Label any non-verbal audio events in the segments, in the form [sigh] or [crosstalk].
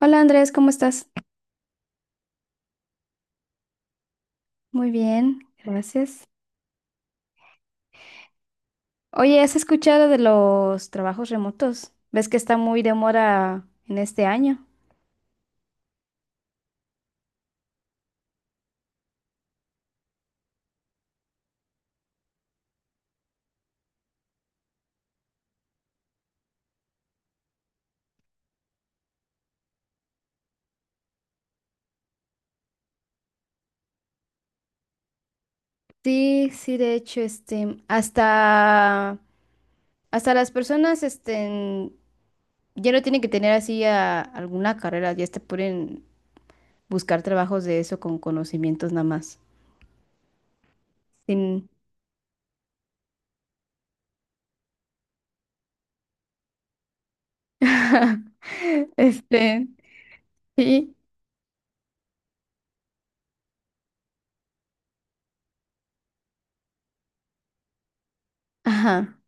Hola Andrés, ¿cómo estás? Muy bien, gracias. Oye, ¿has escuchado de los trabajos remotos? ¿Ves que está muy de moda en este año? Sí, sí, de hecho, hasta las personas, ya no tienen que tener así alguna carrera, ya te pueden buscar trabajos de eso con conocimientos nada más. Sin, [laughs] este, sí, ajá,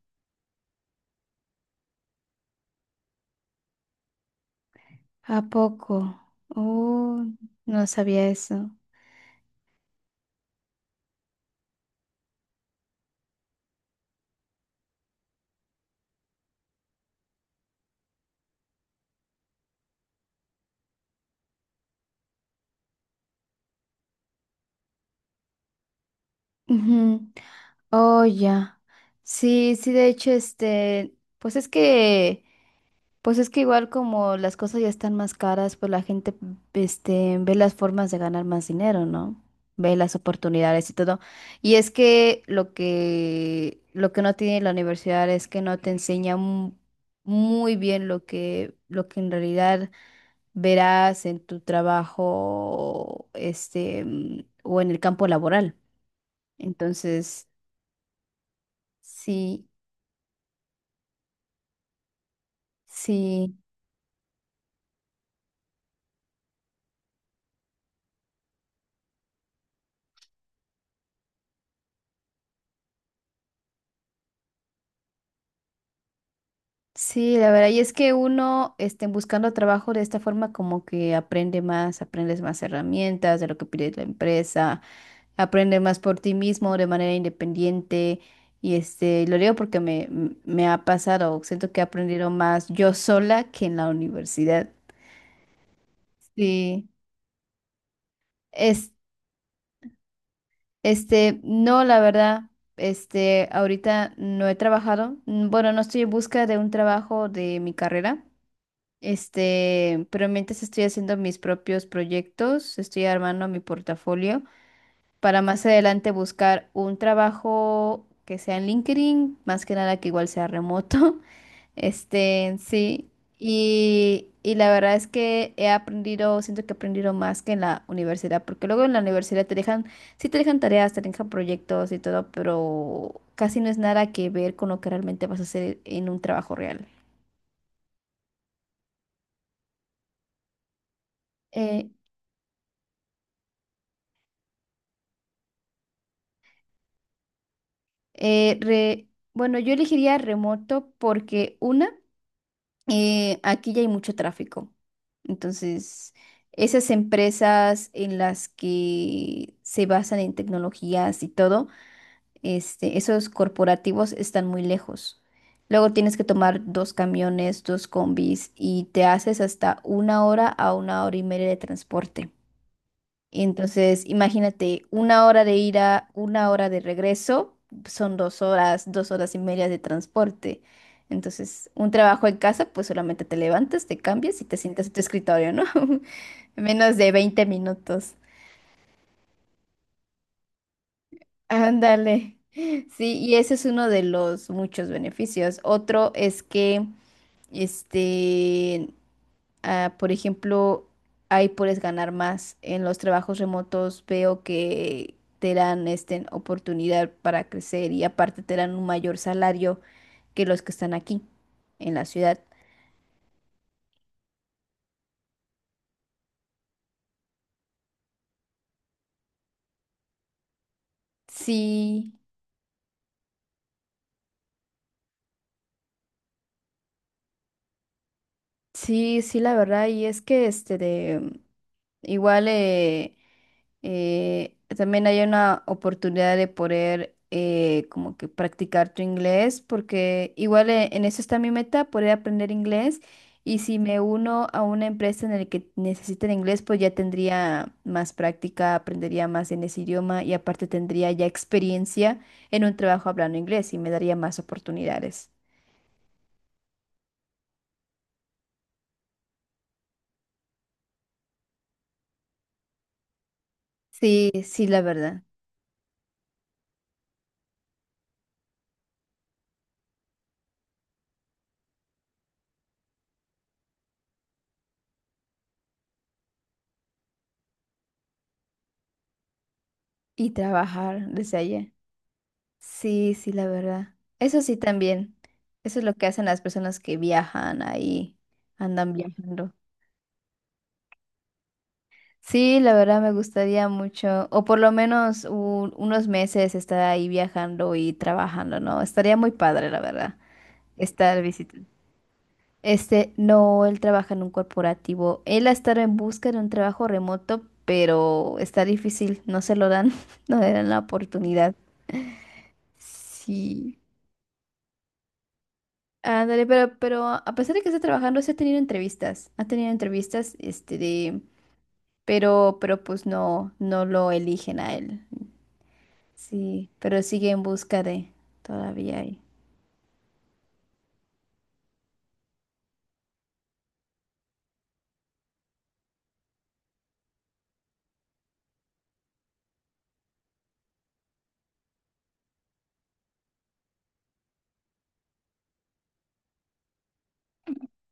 ¿a poco? Oh, no sabía eso. Ujú. Oh, ya. Sí, sí, de hecho, pues es que igual como las cosas ya están más caras, pues la gente, ve las formas de ganar más dinero, ¿no? Ve las oportunidades y todo. Y es que lo que no tiene la universidad es que no te enseña muy bien lo que en realidad verás en tu trabajo, o en el campo laboral. Entonces... Sí, sí, sí, la verdad. Y es que uno, buscando trabajo de esta forma, como que aprende más, aprendes más herramientas de lo que pide la empresa, aprende más por ti mismo de manera independiente. Y lo digo porque me ha pasado, siento que he aprendido más yo sola que en la universidad. Sí. Es, no, la verdad. Ahorita no he trabajado. Bueno, no estoy en busca de un trabajo de mi carrera. Pero mientras estoy haciendo mis propios proyectos, estoy armando mi portafolio para más adelante buscar un trabajo que sea en LinkedIn, más que nada que igual sea remoto. [laughs] Sí. Y la verdad es que he aprendido, siento que he aprendido más que en la universidad, porque luego en la universidad te dejan, sí te dejan tareas, te dejan proyectos y todo, pero casi no es nada que ver con lo que realmente vas a hacer en un trabajo real. Eh, bueno, yo elegiría remoto porque una, aquí ya hay mucho tráfico. Entonces, esas empresas en las que se basan en tecnologías y todo, esos corporativos están muy lejos. Luego tienes que tomar dos camiones, dos combis y te haces hasta una hora a una hora y media de transporte. Entonces, imagínate, una hora de ida, una hora de regreso, son dos horas y media de transporte. Entonces, un trabajo en casa, pues solamente te levantas, te cambias y te sientas en tu escritorio, ¿no? [laughs] Menos de veinte minutos. Ándale. Sí, y ese es uno de los muchos beneficios. Otro es que, este, por ejemplo, ahí puedes ganar más. En los trabajos remotos veo que te dan oportunidad para crecer y aparte te dan un mayor salario que los que están aquí en la ciudad. Sí, sí, la verdad. Y es que este de igual también hay una oportunidad de poder como que practicar tu inglés, porque igual en eso está mi meta, poder aprender inglés. Y si me uno a una empresa en la que necesiten inglés, pues ya tendría más práctica, aprendería más en ese idioma y aparte tendría ya experiencia en un trabajo hablando inglés y me daría más oportunidades. Sí, sí, la verdad. Y trabajar desde allá. Sí, sí, la verdad. Eso sí también. Eso es lo que hacen las personas que viajan ahí, andan viajando. Sí, la verdad me gustaría mucho, o por lo menos unos meses estar ahí viajando y trabajando, ¿no? Estaría muy padre, la verdad, estar visitando. No, él trabaja en un corporativo. Él ha estado en busca de un trabajo remoto, pero está difícil, no se lo dan, [laughs] no le dan la oportunidad. Sí. Ándale, pero a pesar de que está trabajando, sí ha tenido entrevistas. Ha tenido entrevistas, pero pues no, no lo eligen a él. Sí, pero sigue en busca de, todavía hay.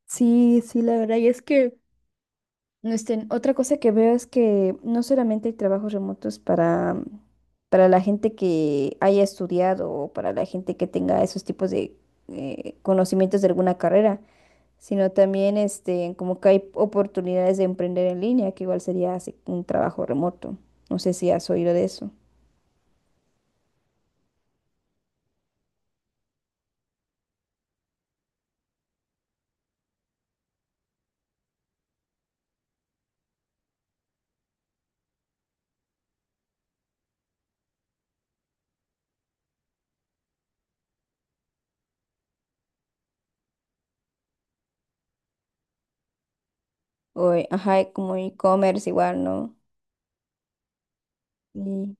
Sí, sí, la verdad. Y es que otra cosa que veo es que no solamente hay trabajos remotos para la gente que haya estudiado o para la gente que tenga esos tipos de conocimientos de alguna carrera, sino también como que hay oportunidades de emprender en línea, que igual sería así un trabajo remoto. No sé si has oído de eso. Ajá, y como e-commerce igual, ¿no? Y,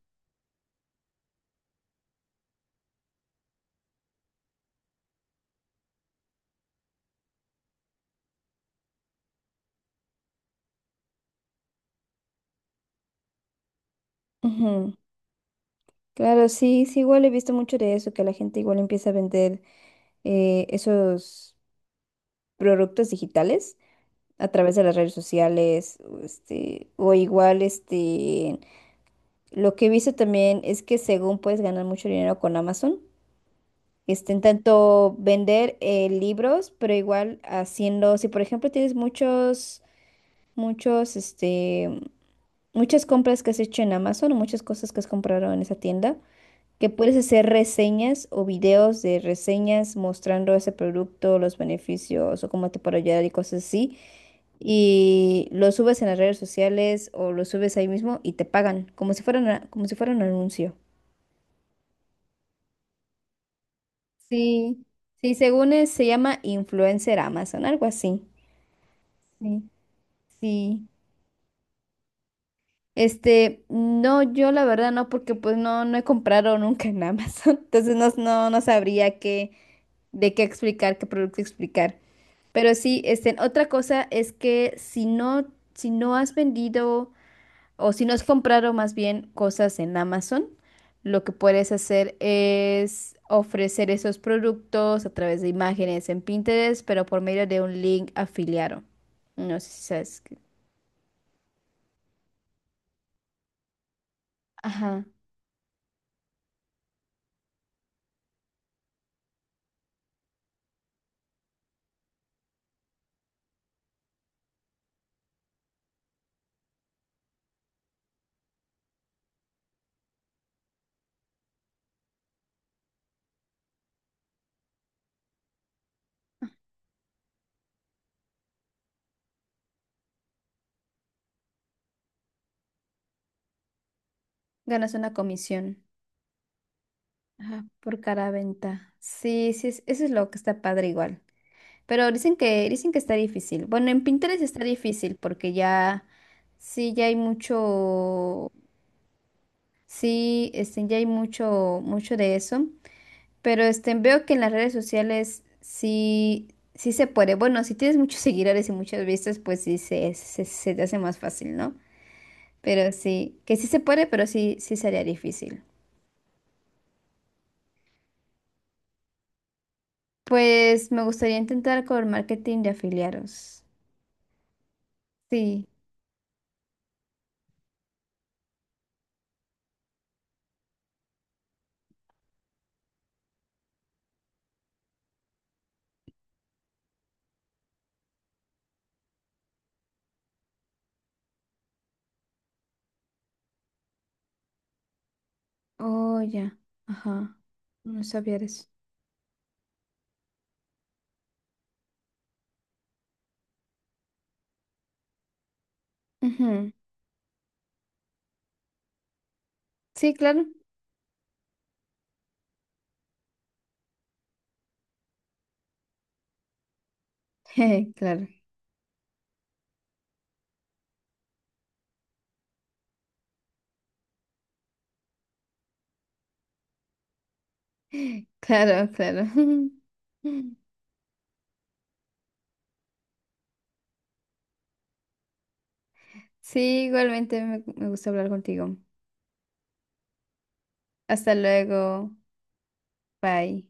ujú. Claro, sí, sí, igual he visto mucho de eso, que la gente igual empieza a vender esos productos digitales a través de las redes sociales, o lo que he visto también es que según puedes ganar mucho dinero con Amazon. Tanto vender libros, pero igual haciendo, si por ejemplo tienes muchos, este, muchas compras que has hecho en Amazon o muchas cosas que has comprado en esa tienda, que puedes hacer reseñas o videos de reseñas mostrando ese producto, los beneficios o cómo te puede ayudar y cosas así. Y lo subes en las redes sociales o lo subes ahí mismo y te pagan, como si fuera un anuncio. Sí, sí, según es, se llama influencer Amazon, algo así. Sí, sí. No, yo la verdad no, porque pues no, no he comprado nunca en Amazon. [laughs] Entonces no, no, no sabría de qué explicar, qué producto explicar. Pero sí, otra cosa es que si no, si no has vendido o si no has comprado más bien cosas en Amazon, lo que puedes hacer es ofrecer esos productos a través de imágenes en Pinterest, pero por medio de un link afiliado. No sé si sabes. Ajá. Ganas una comisión. Ajá. Por cada venta. Sí, sí, eso es lo que está padre igual. Pero dicen que está difícil. Bueno, en Pinterest está difícil porque ya, sí, ya hay mucho, sí, ya hay mucho, mucho de eso. Pero veo que en las redes sociales sí, sí se puede. Bueno, si tienes muchos [laughs] seguidores y muchas vistas, pues sí se te hace más fácil, ¿no? Pero sí, que sí se puede, pero sí, sí sería difícil. Pues me gustaría intentar con marketing de afiliados. Sí. Oh, ya. Ajá. No sabía de eso. Ujú. Sí, claro. [laughs] Claro. Claro, claro. [laughs] Sí, igualmente me gusta hablar contigo. Hasta luego. Bye.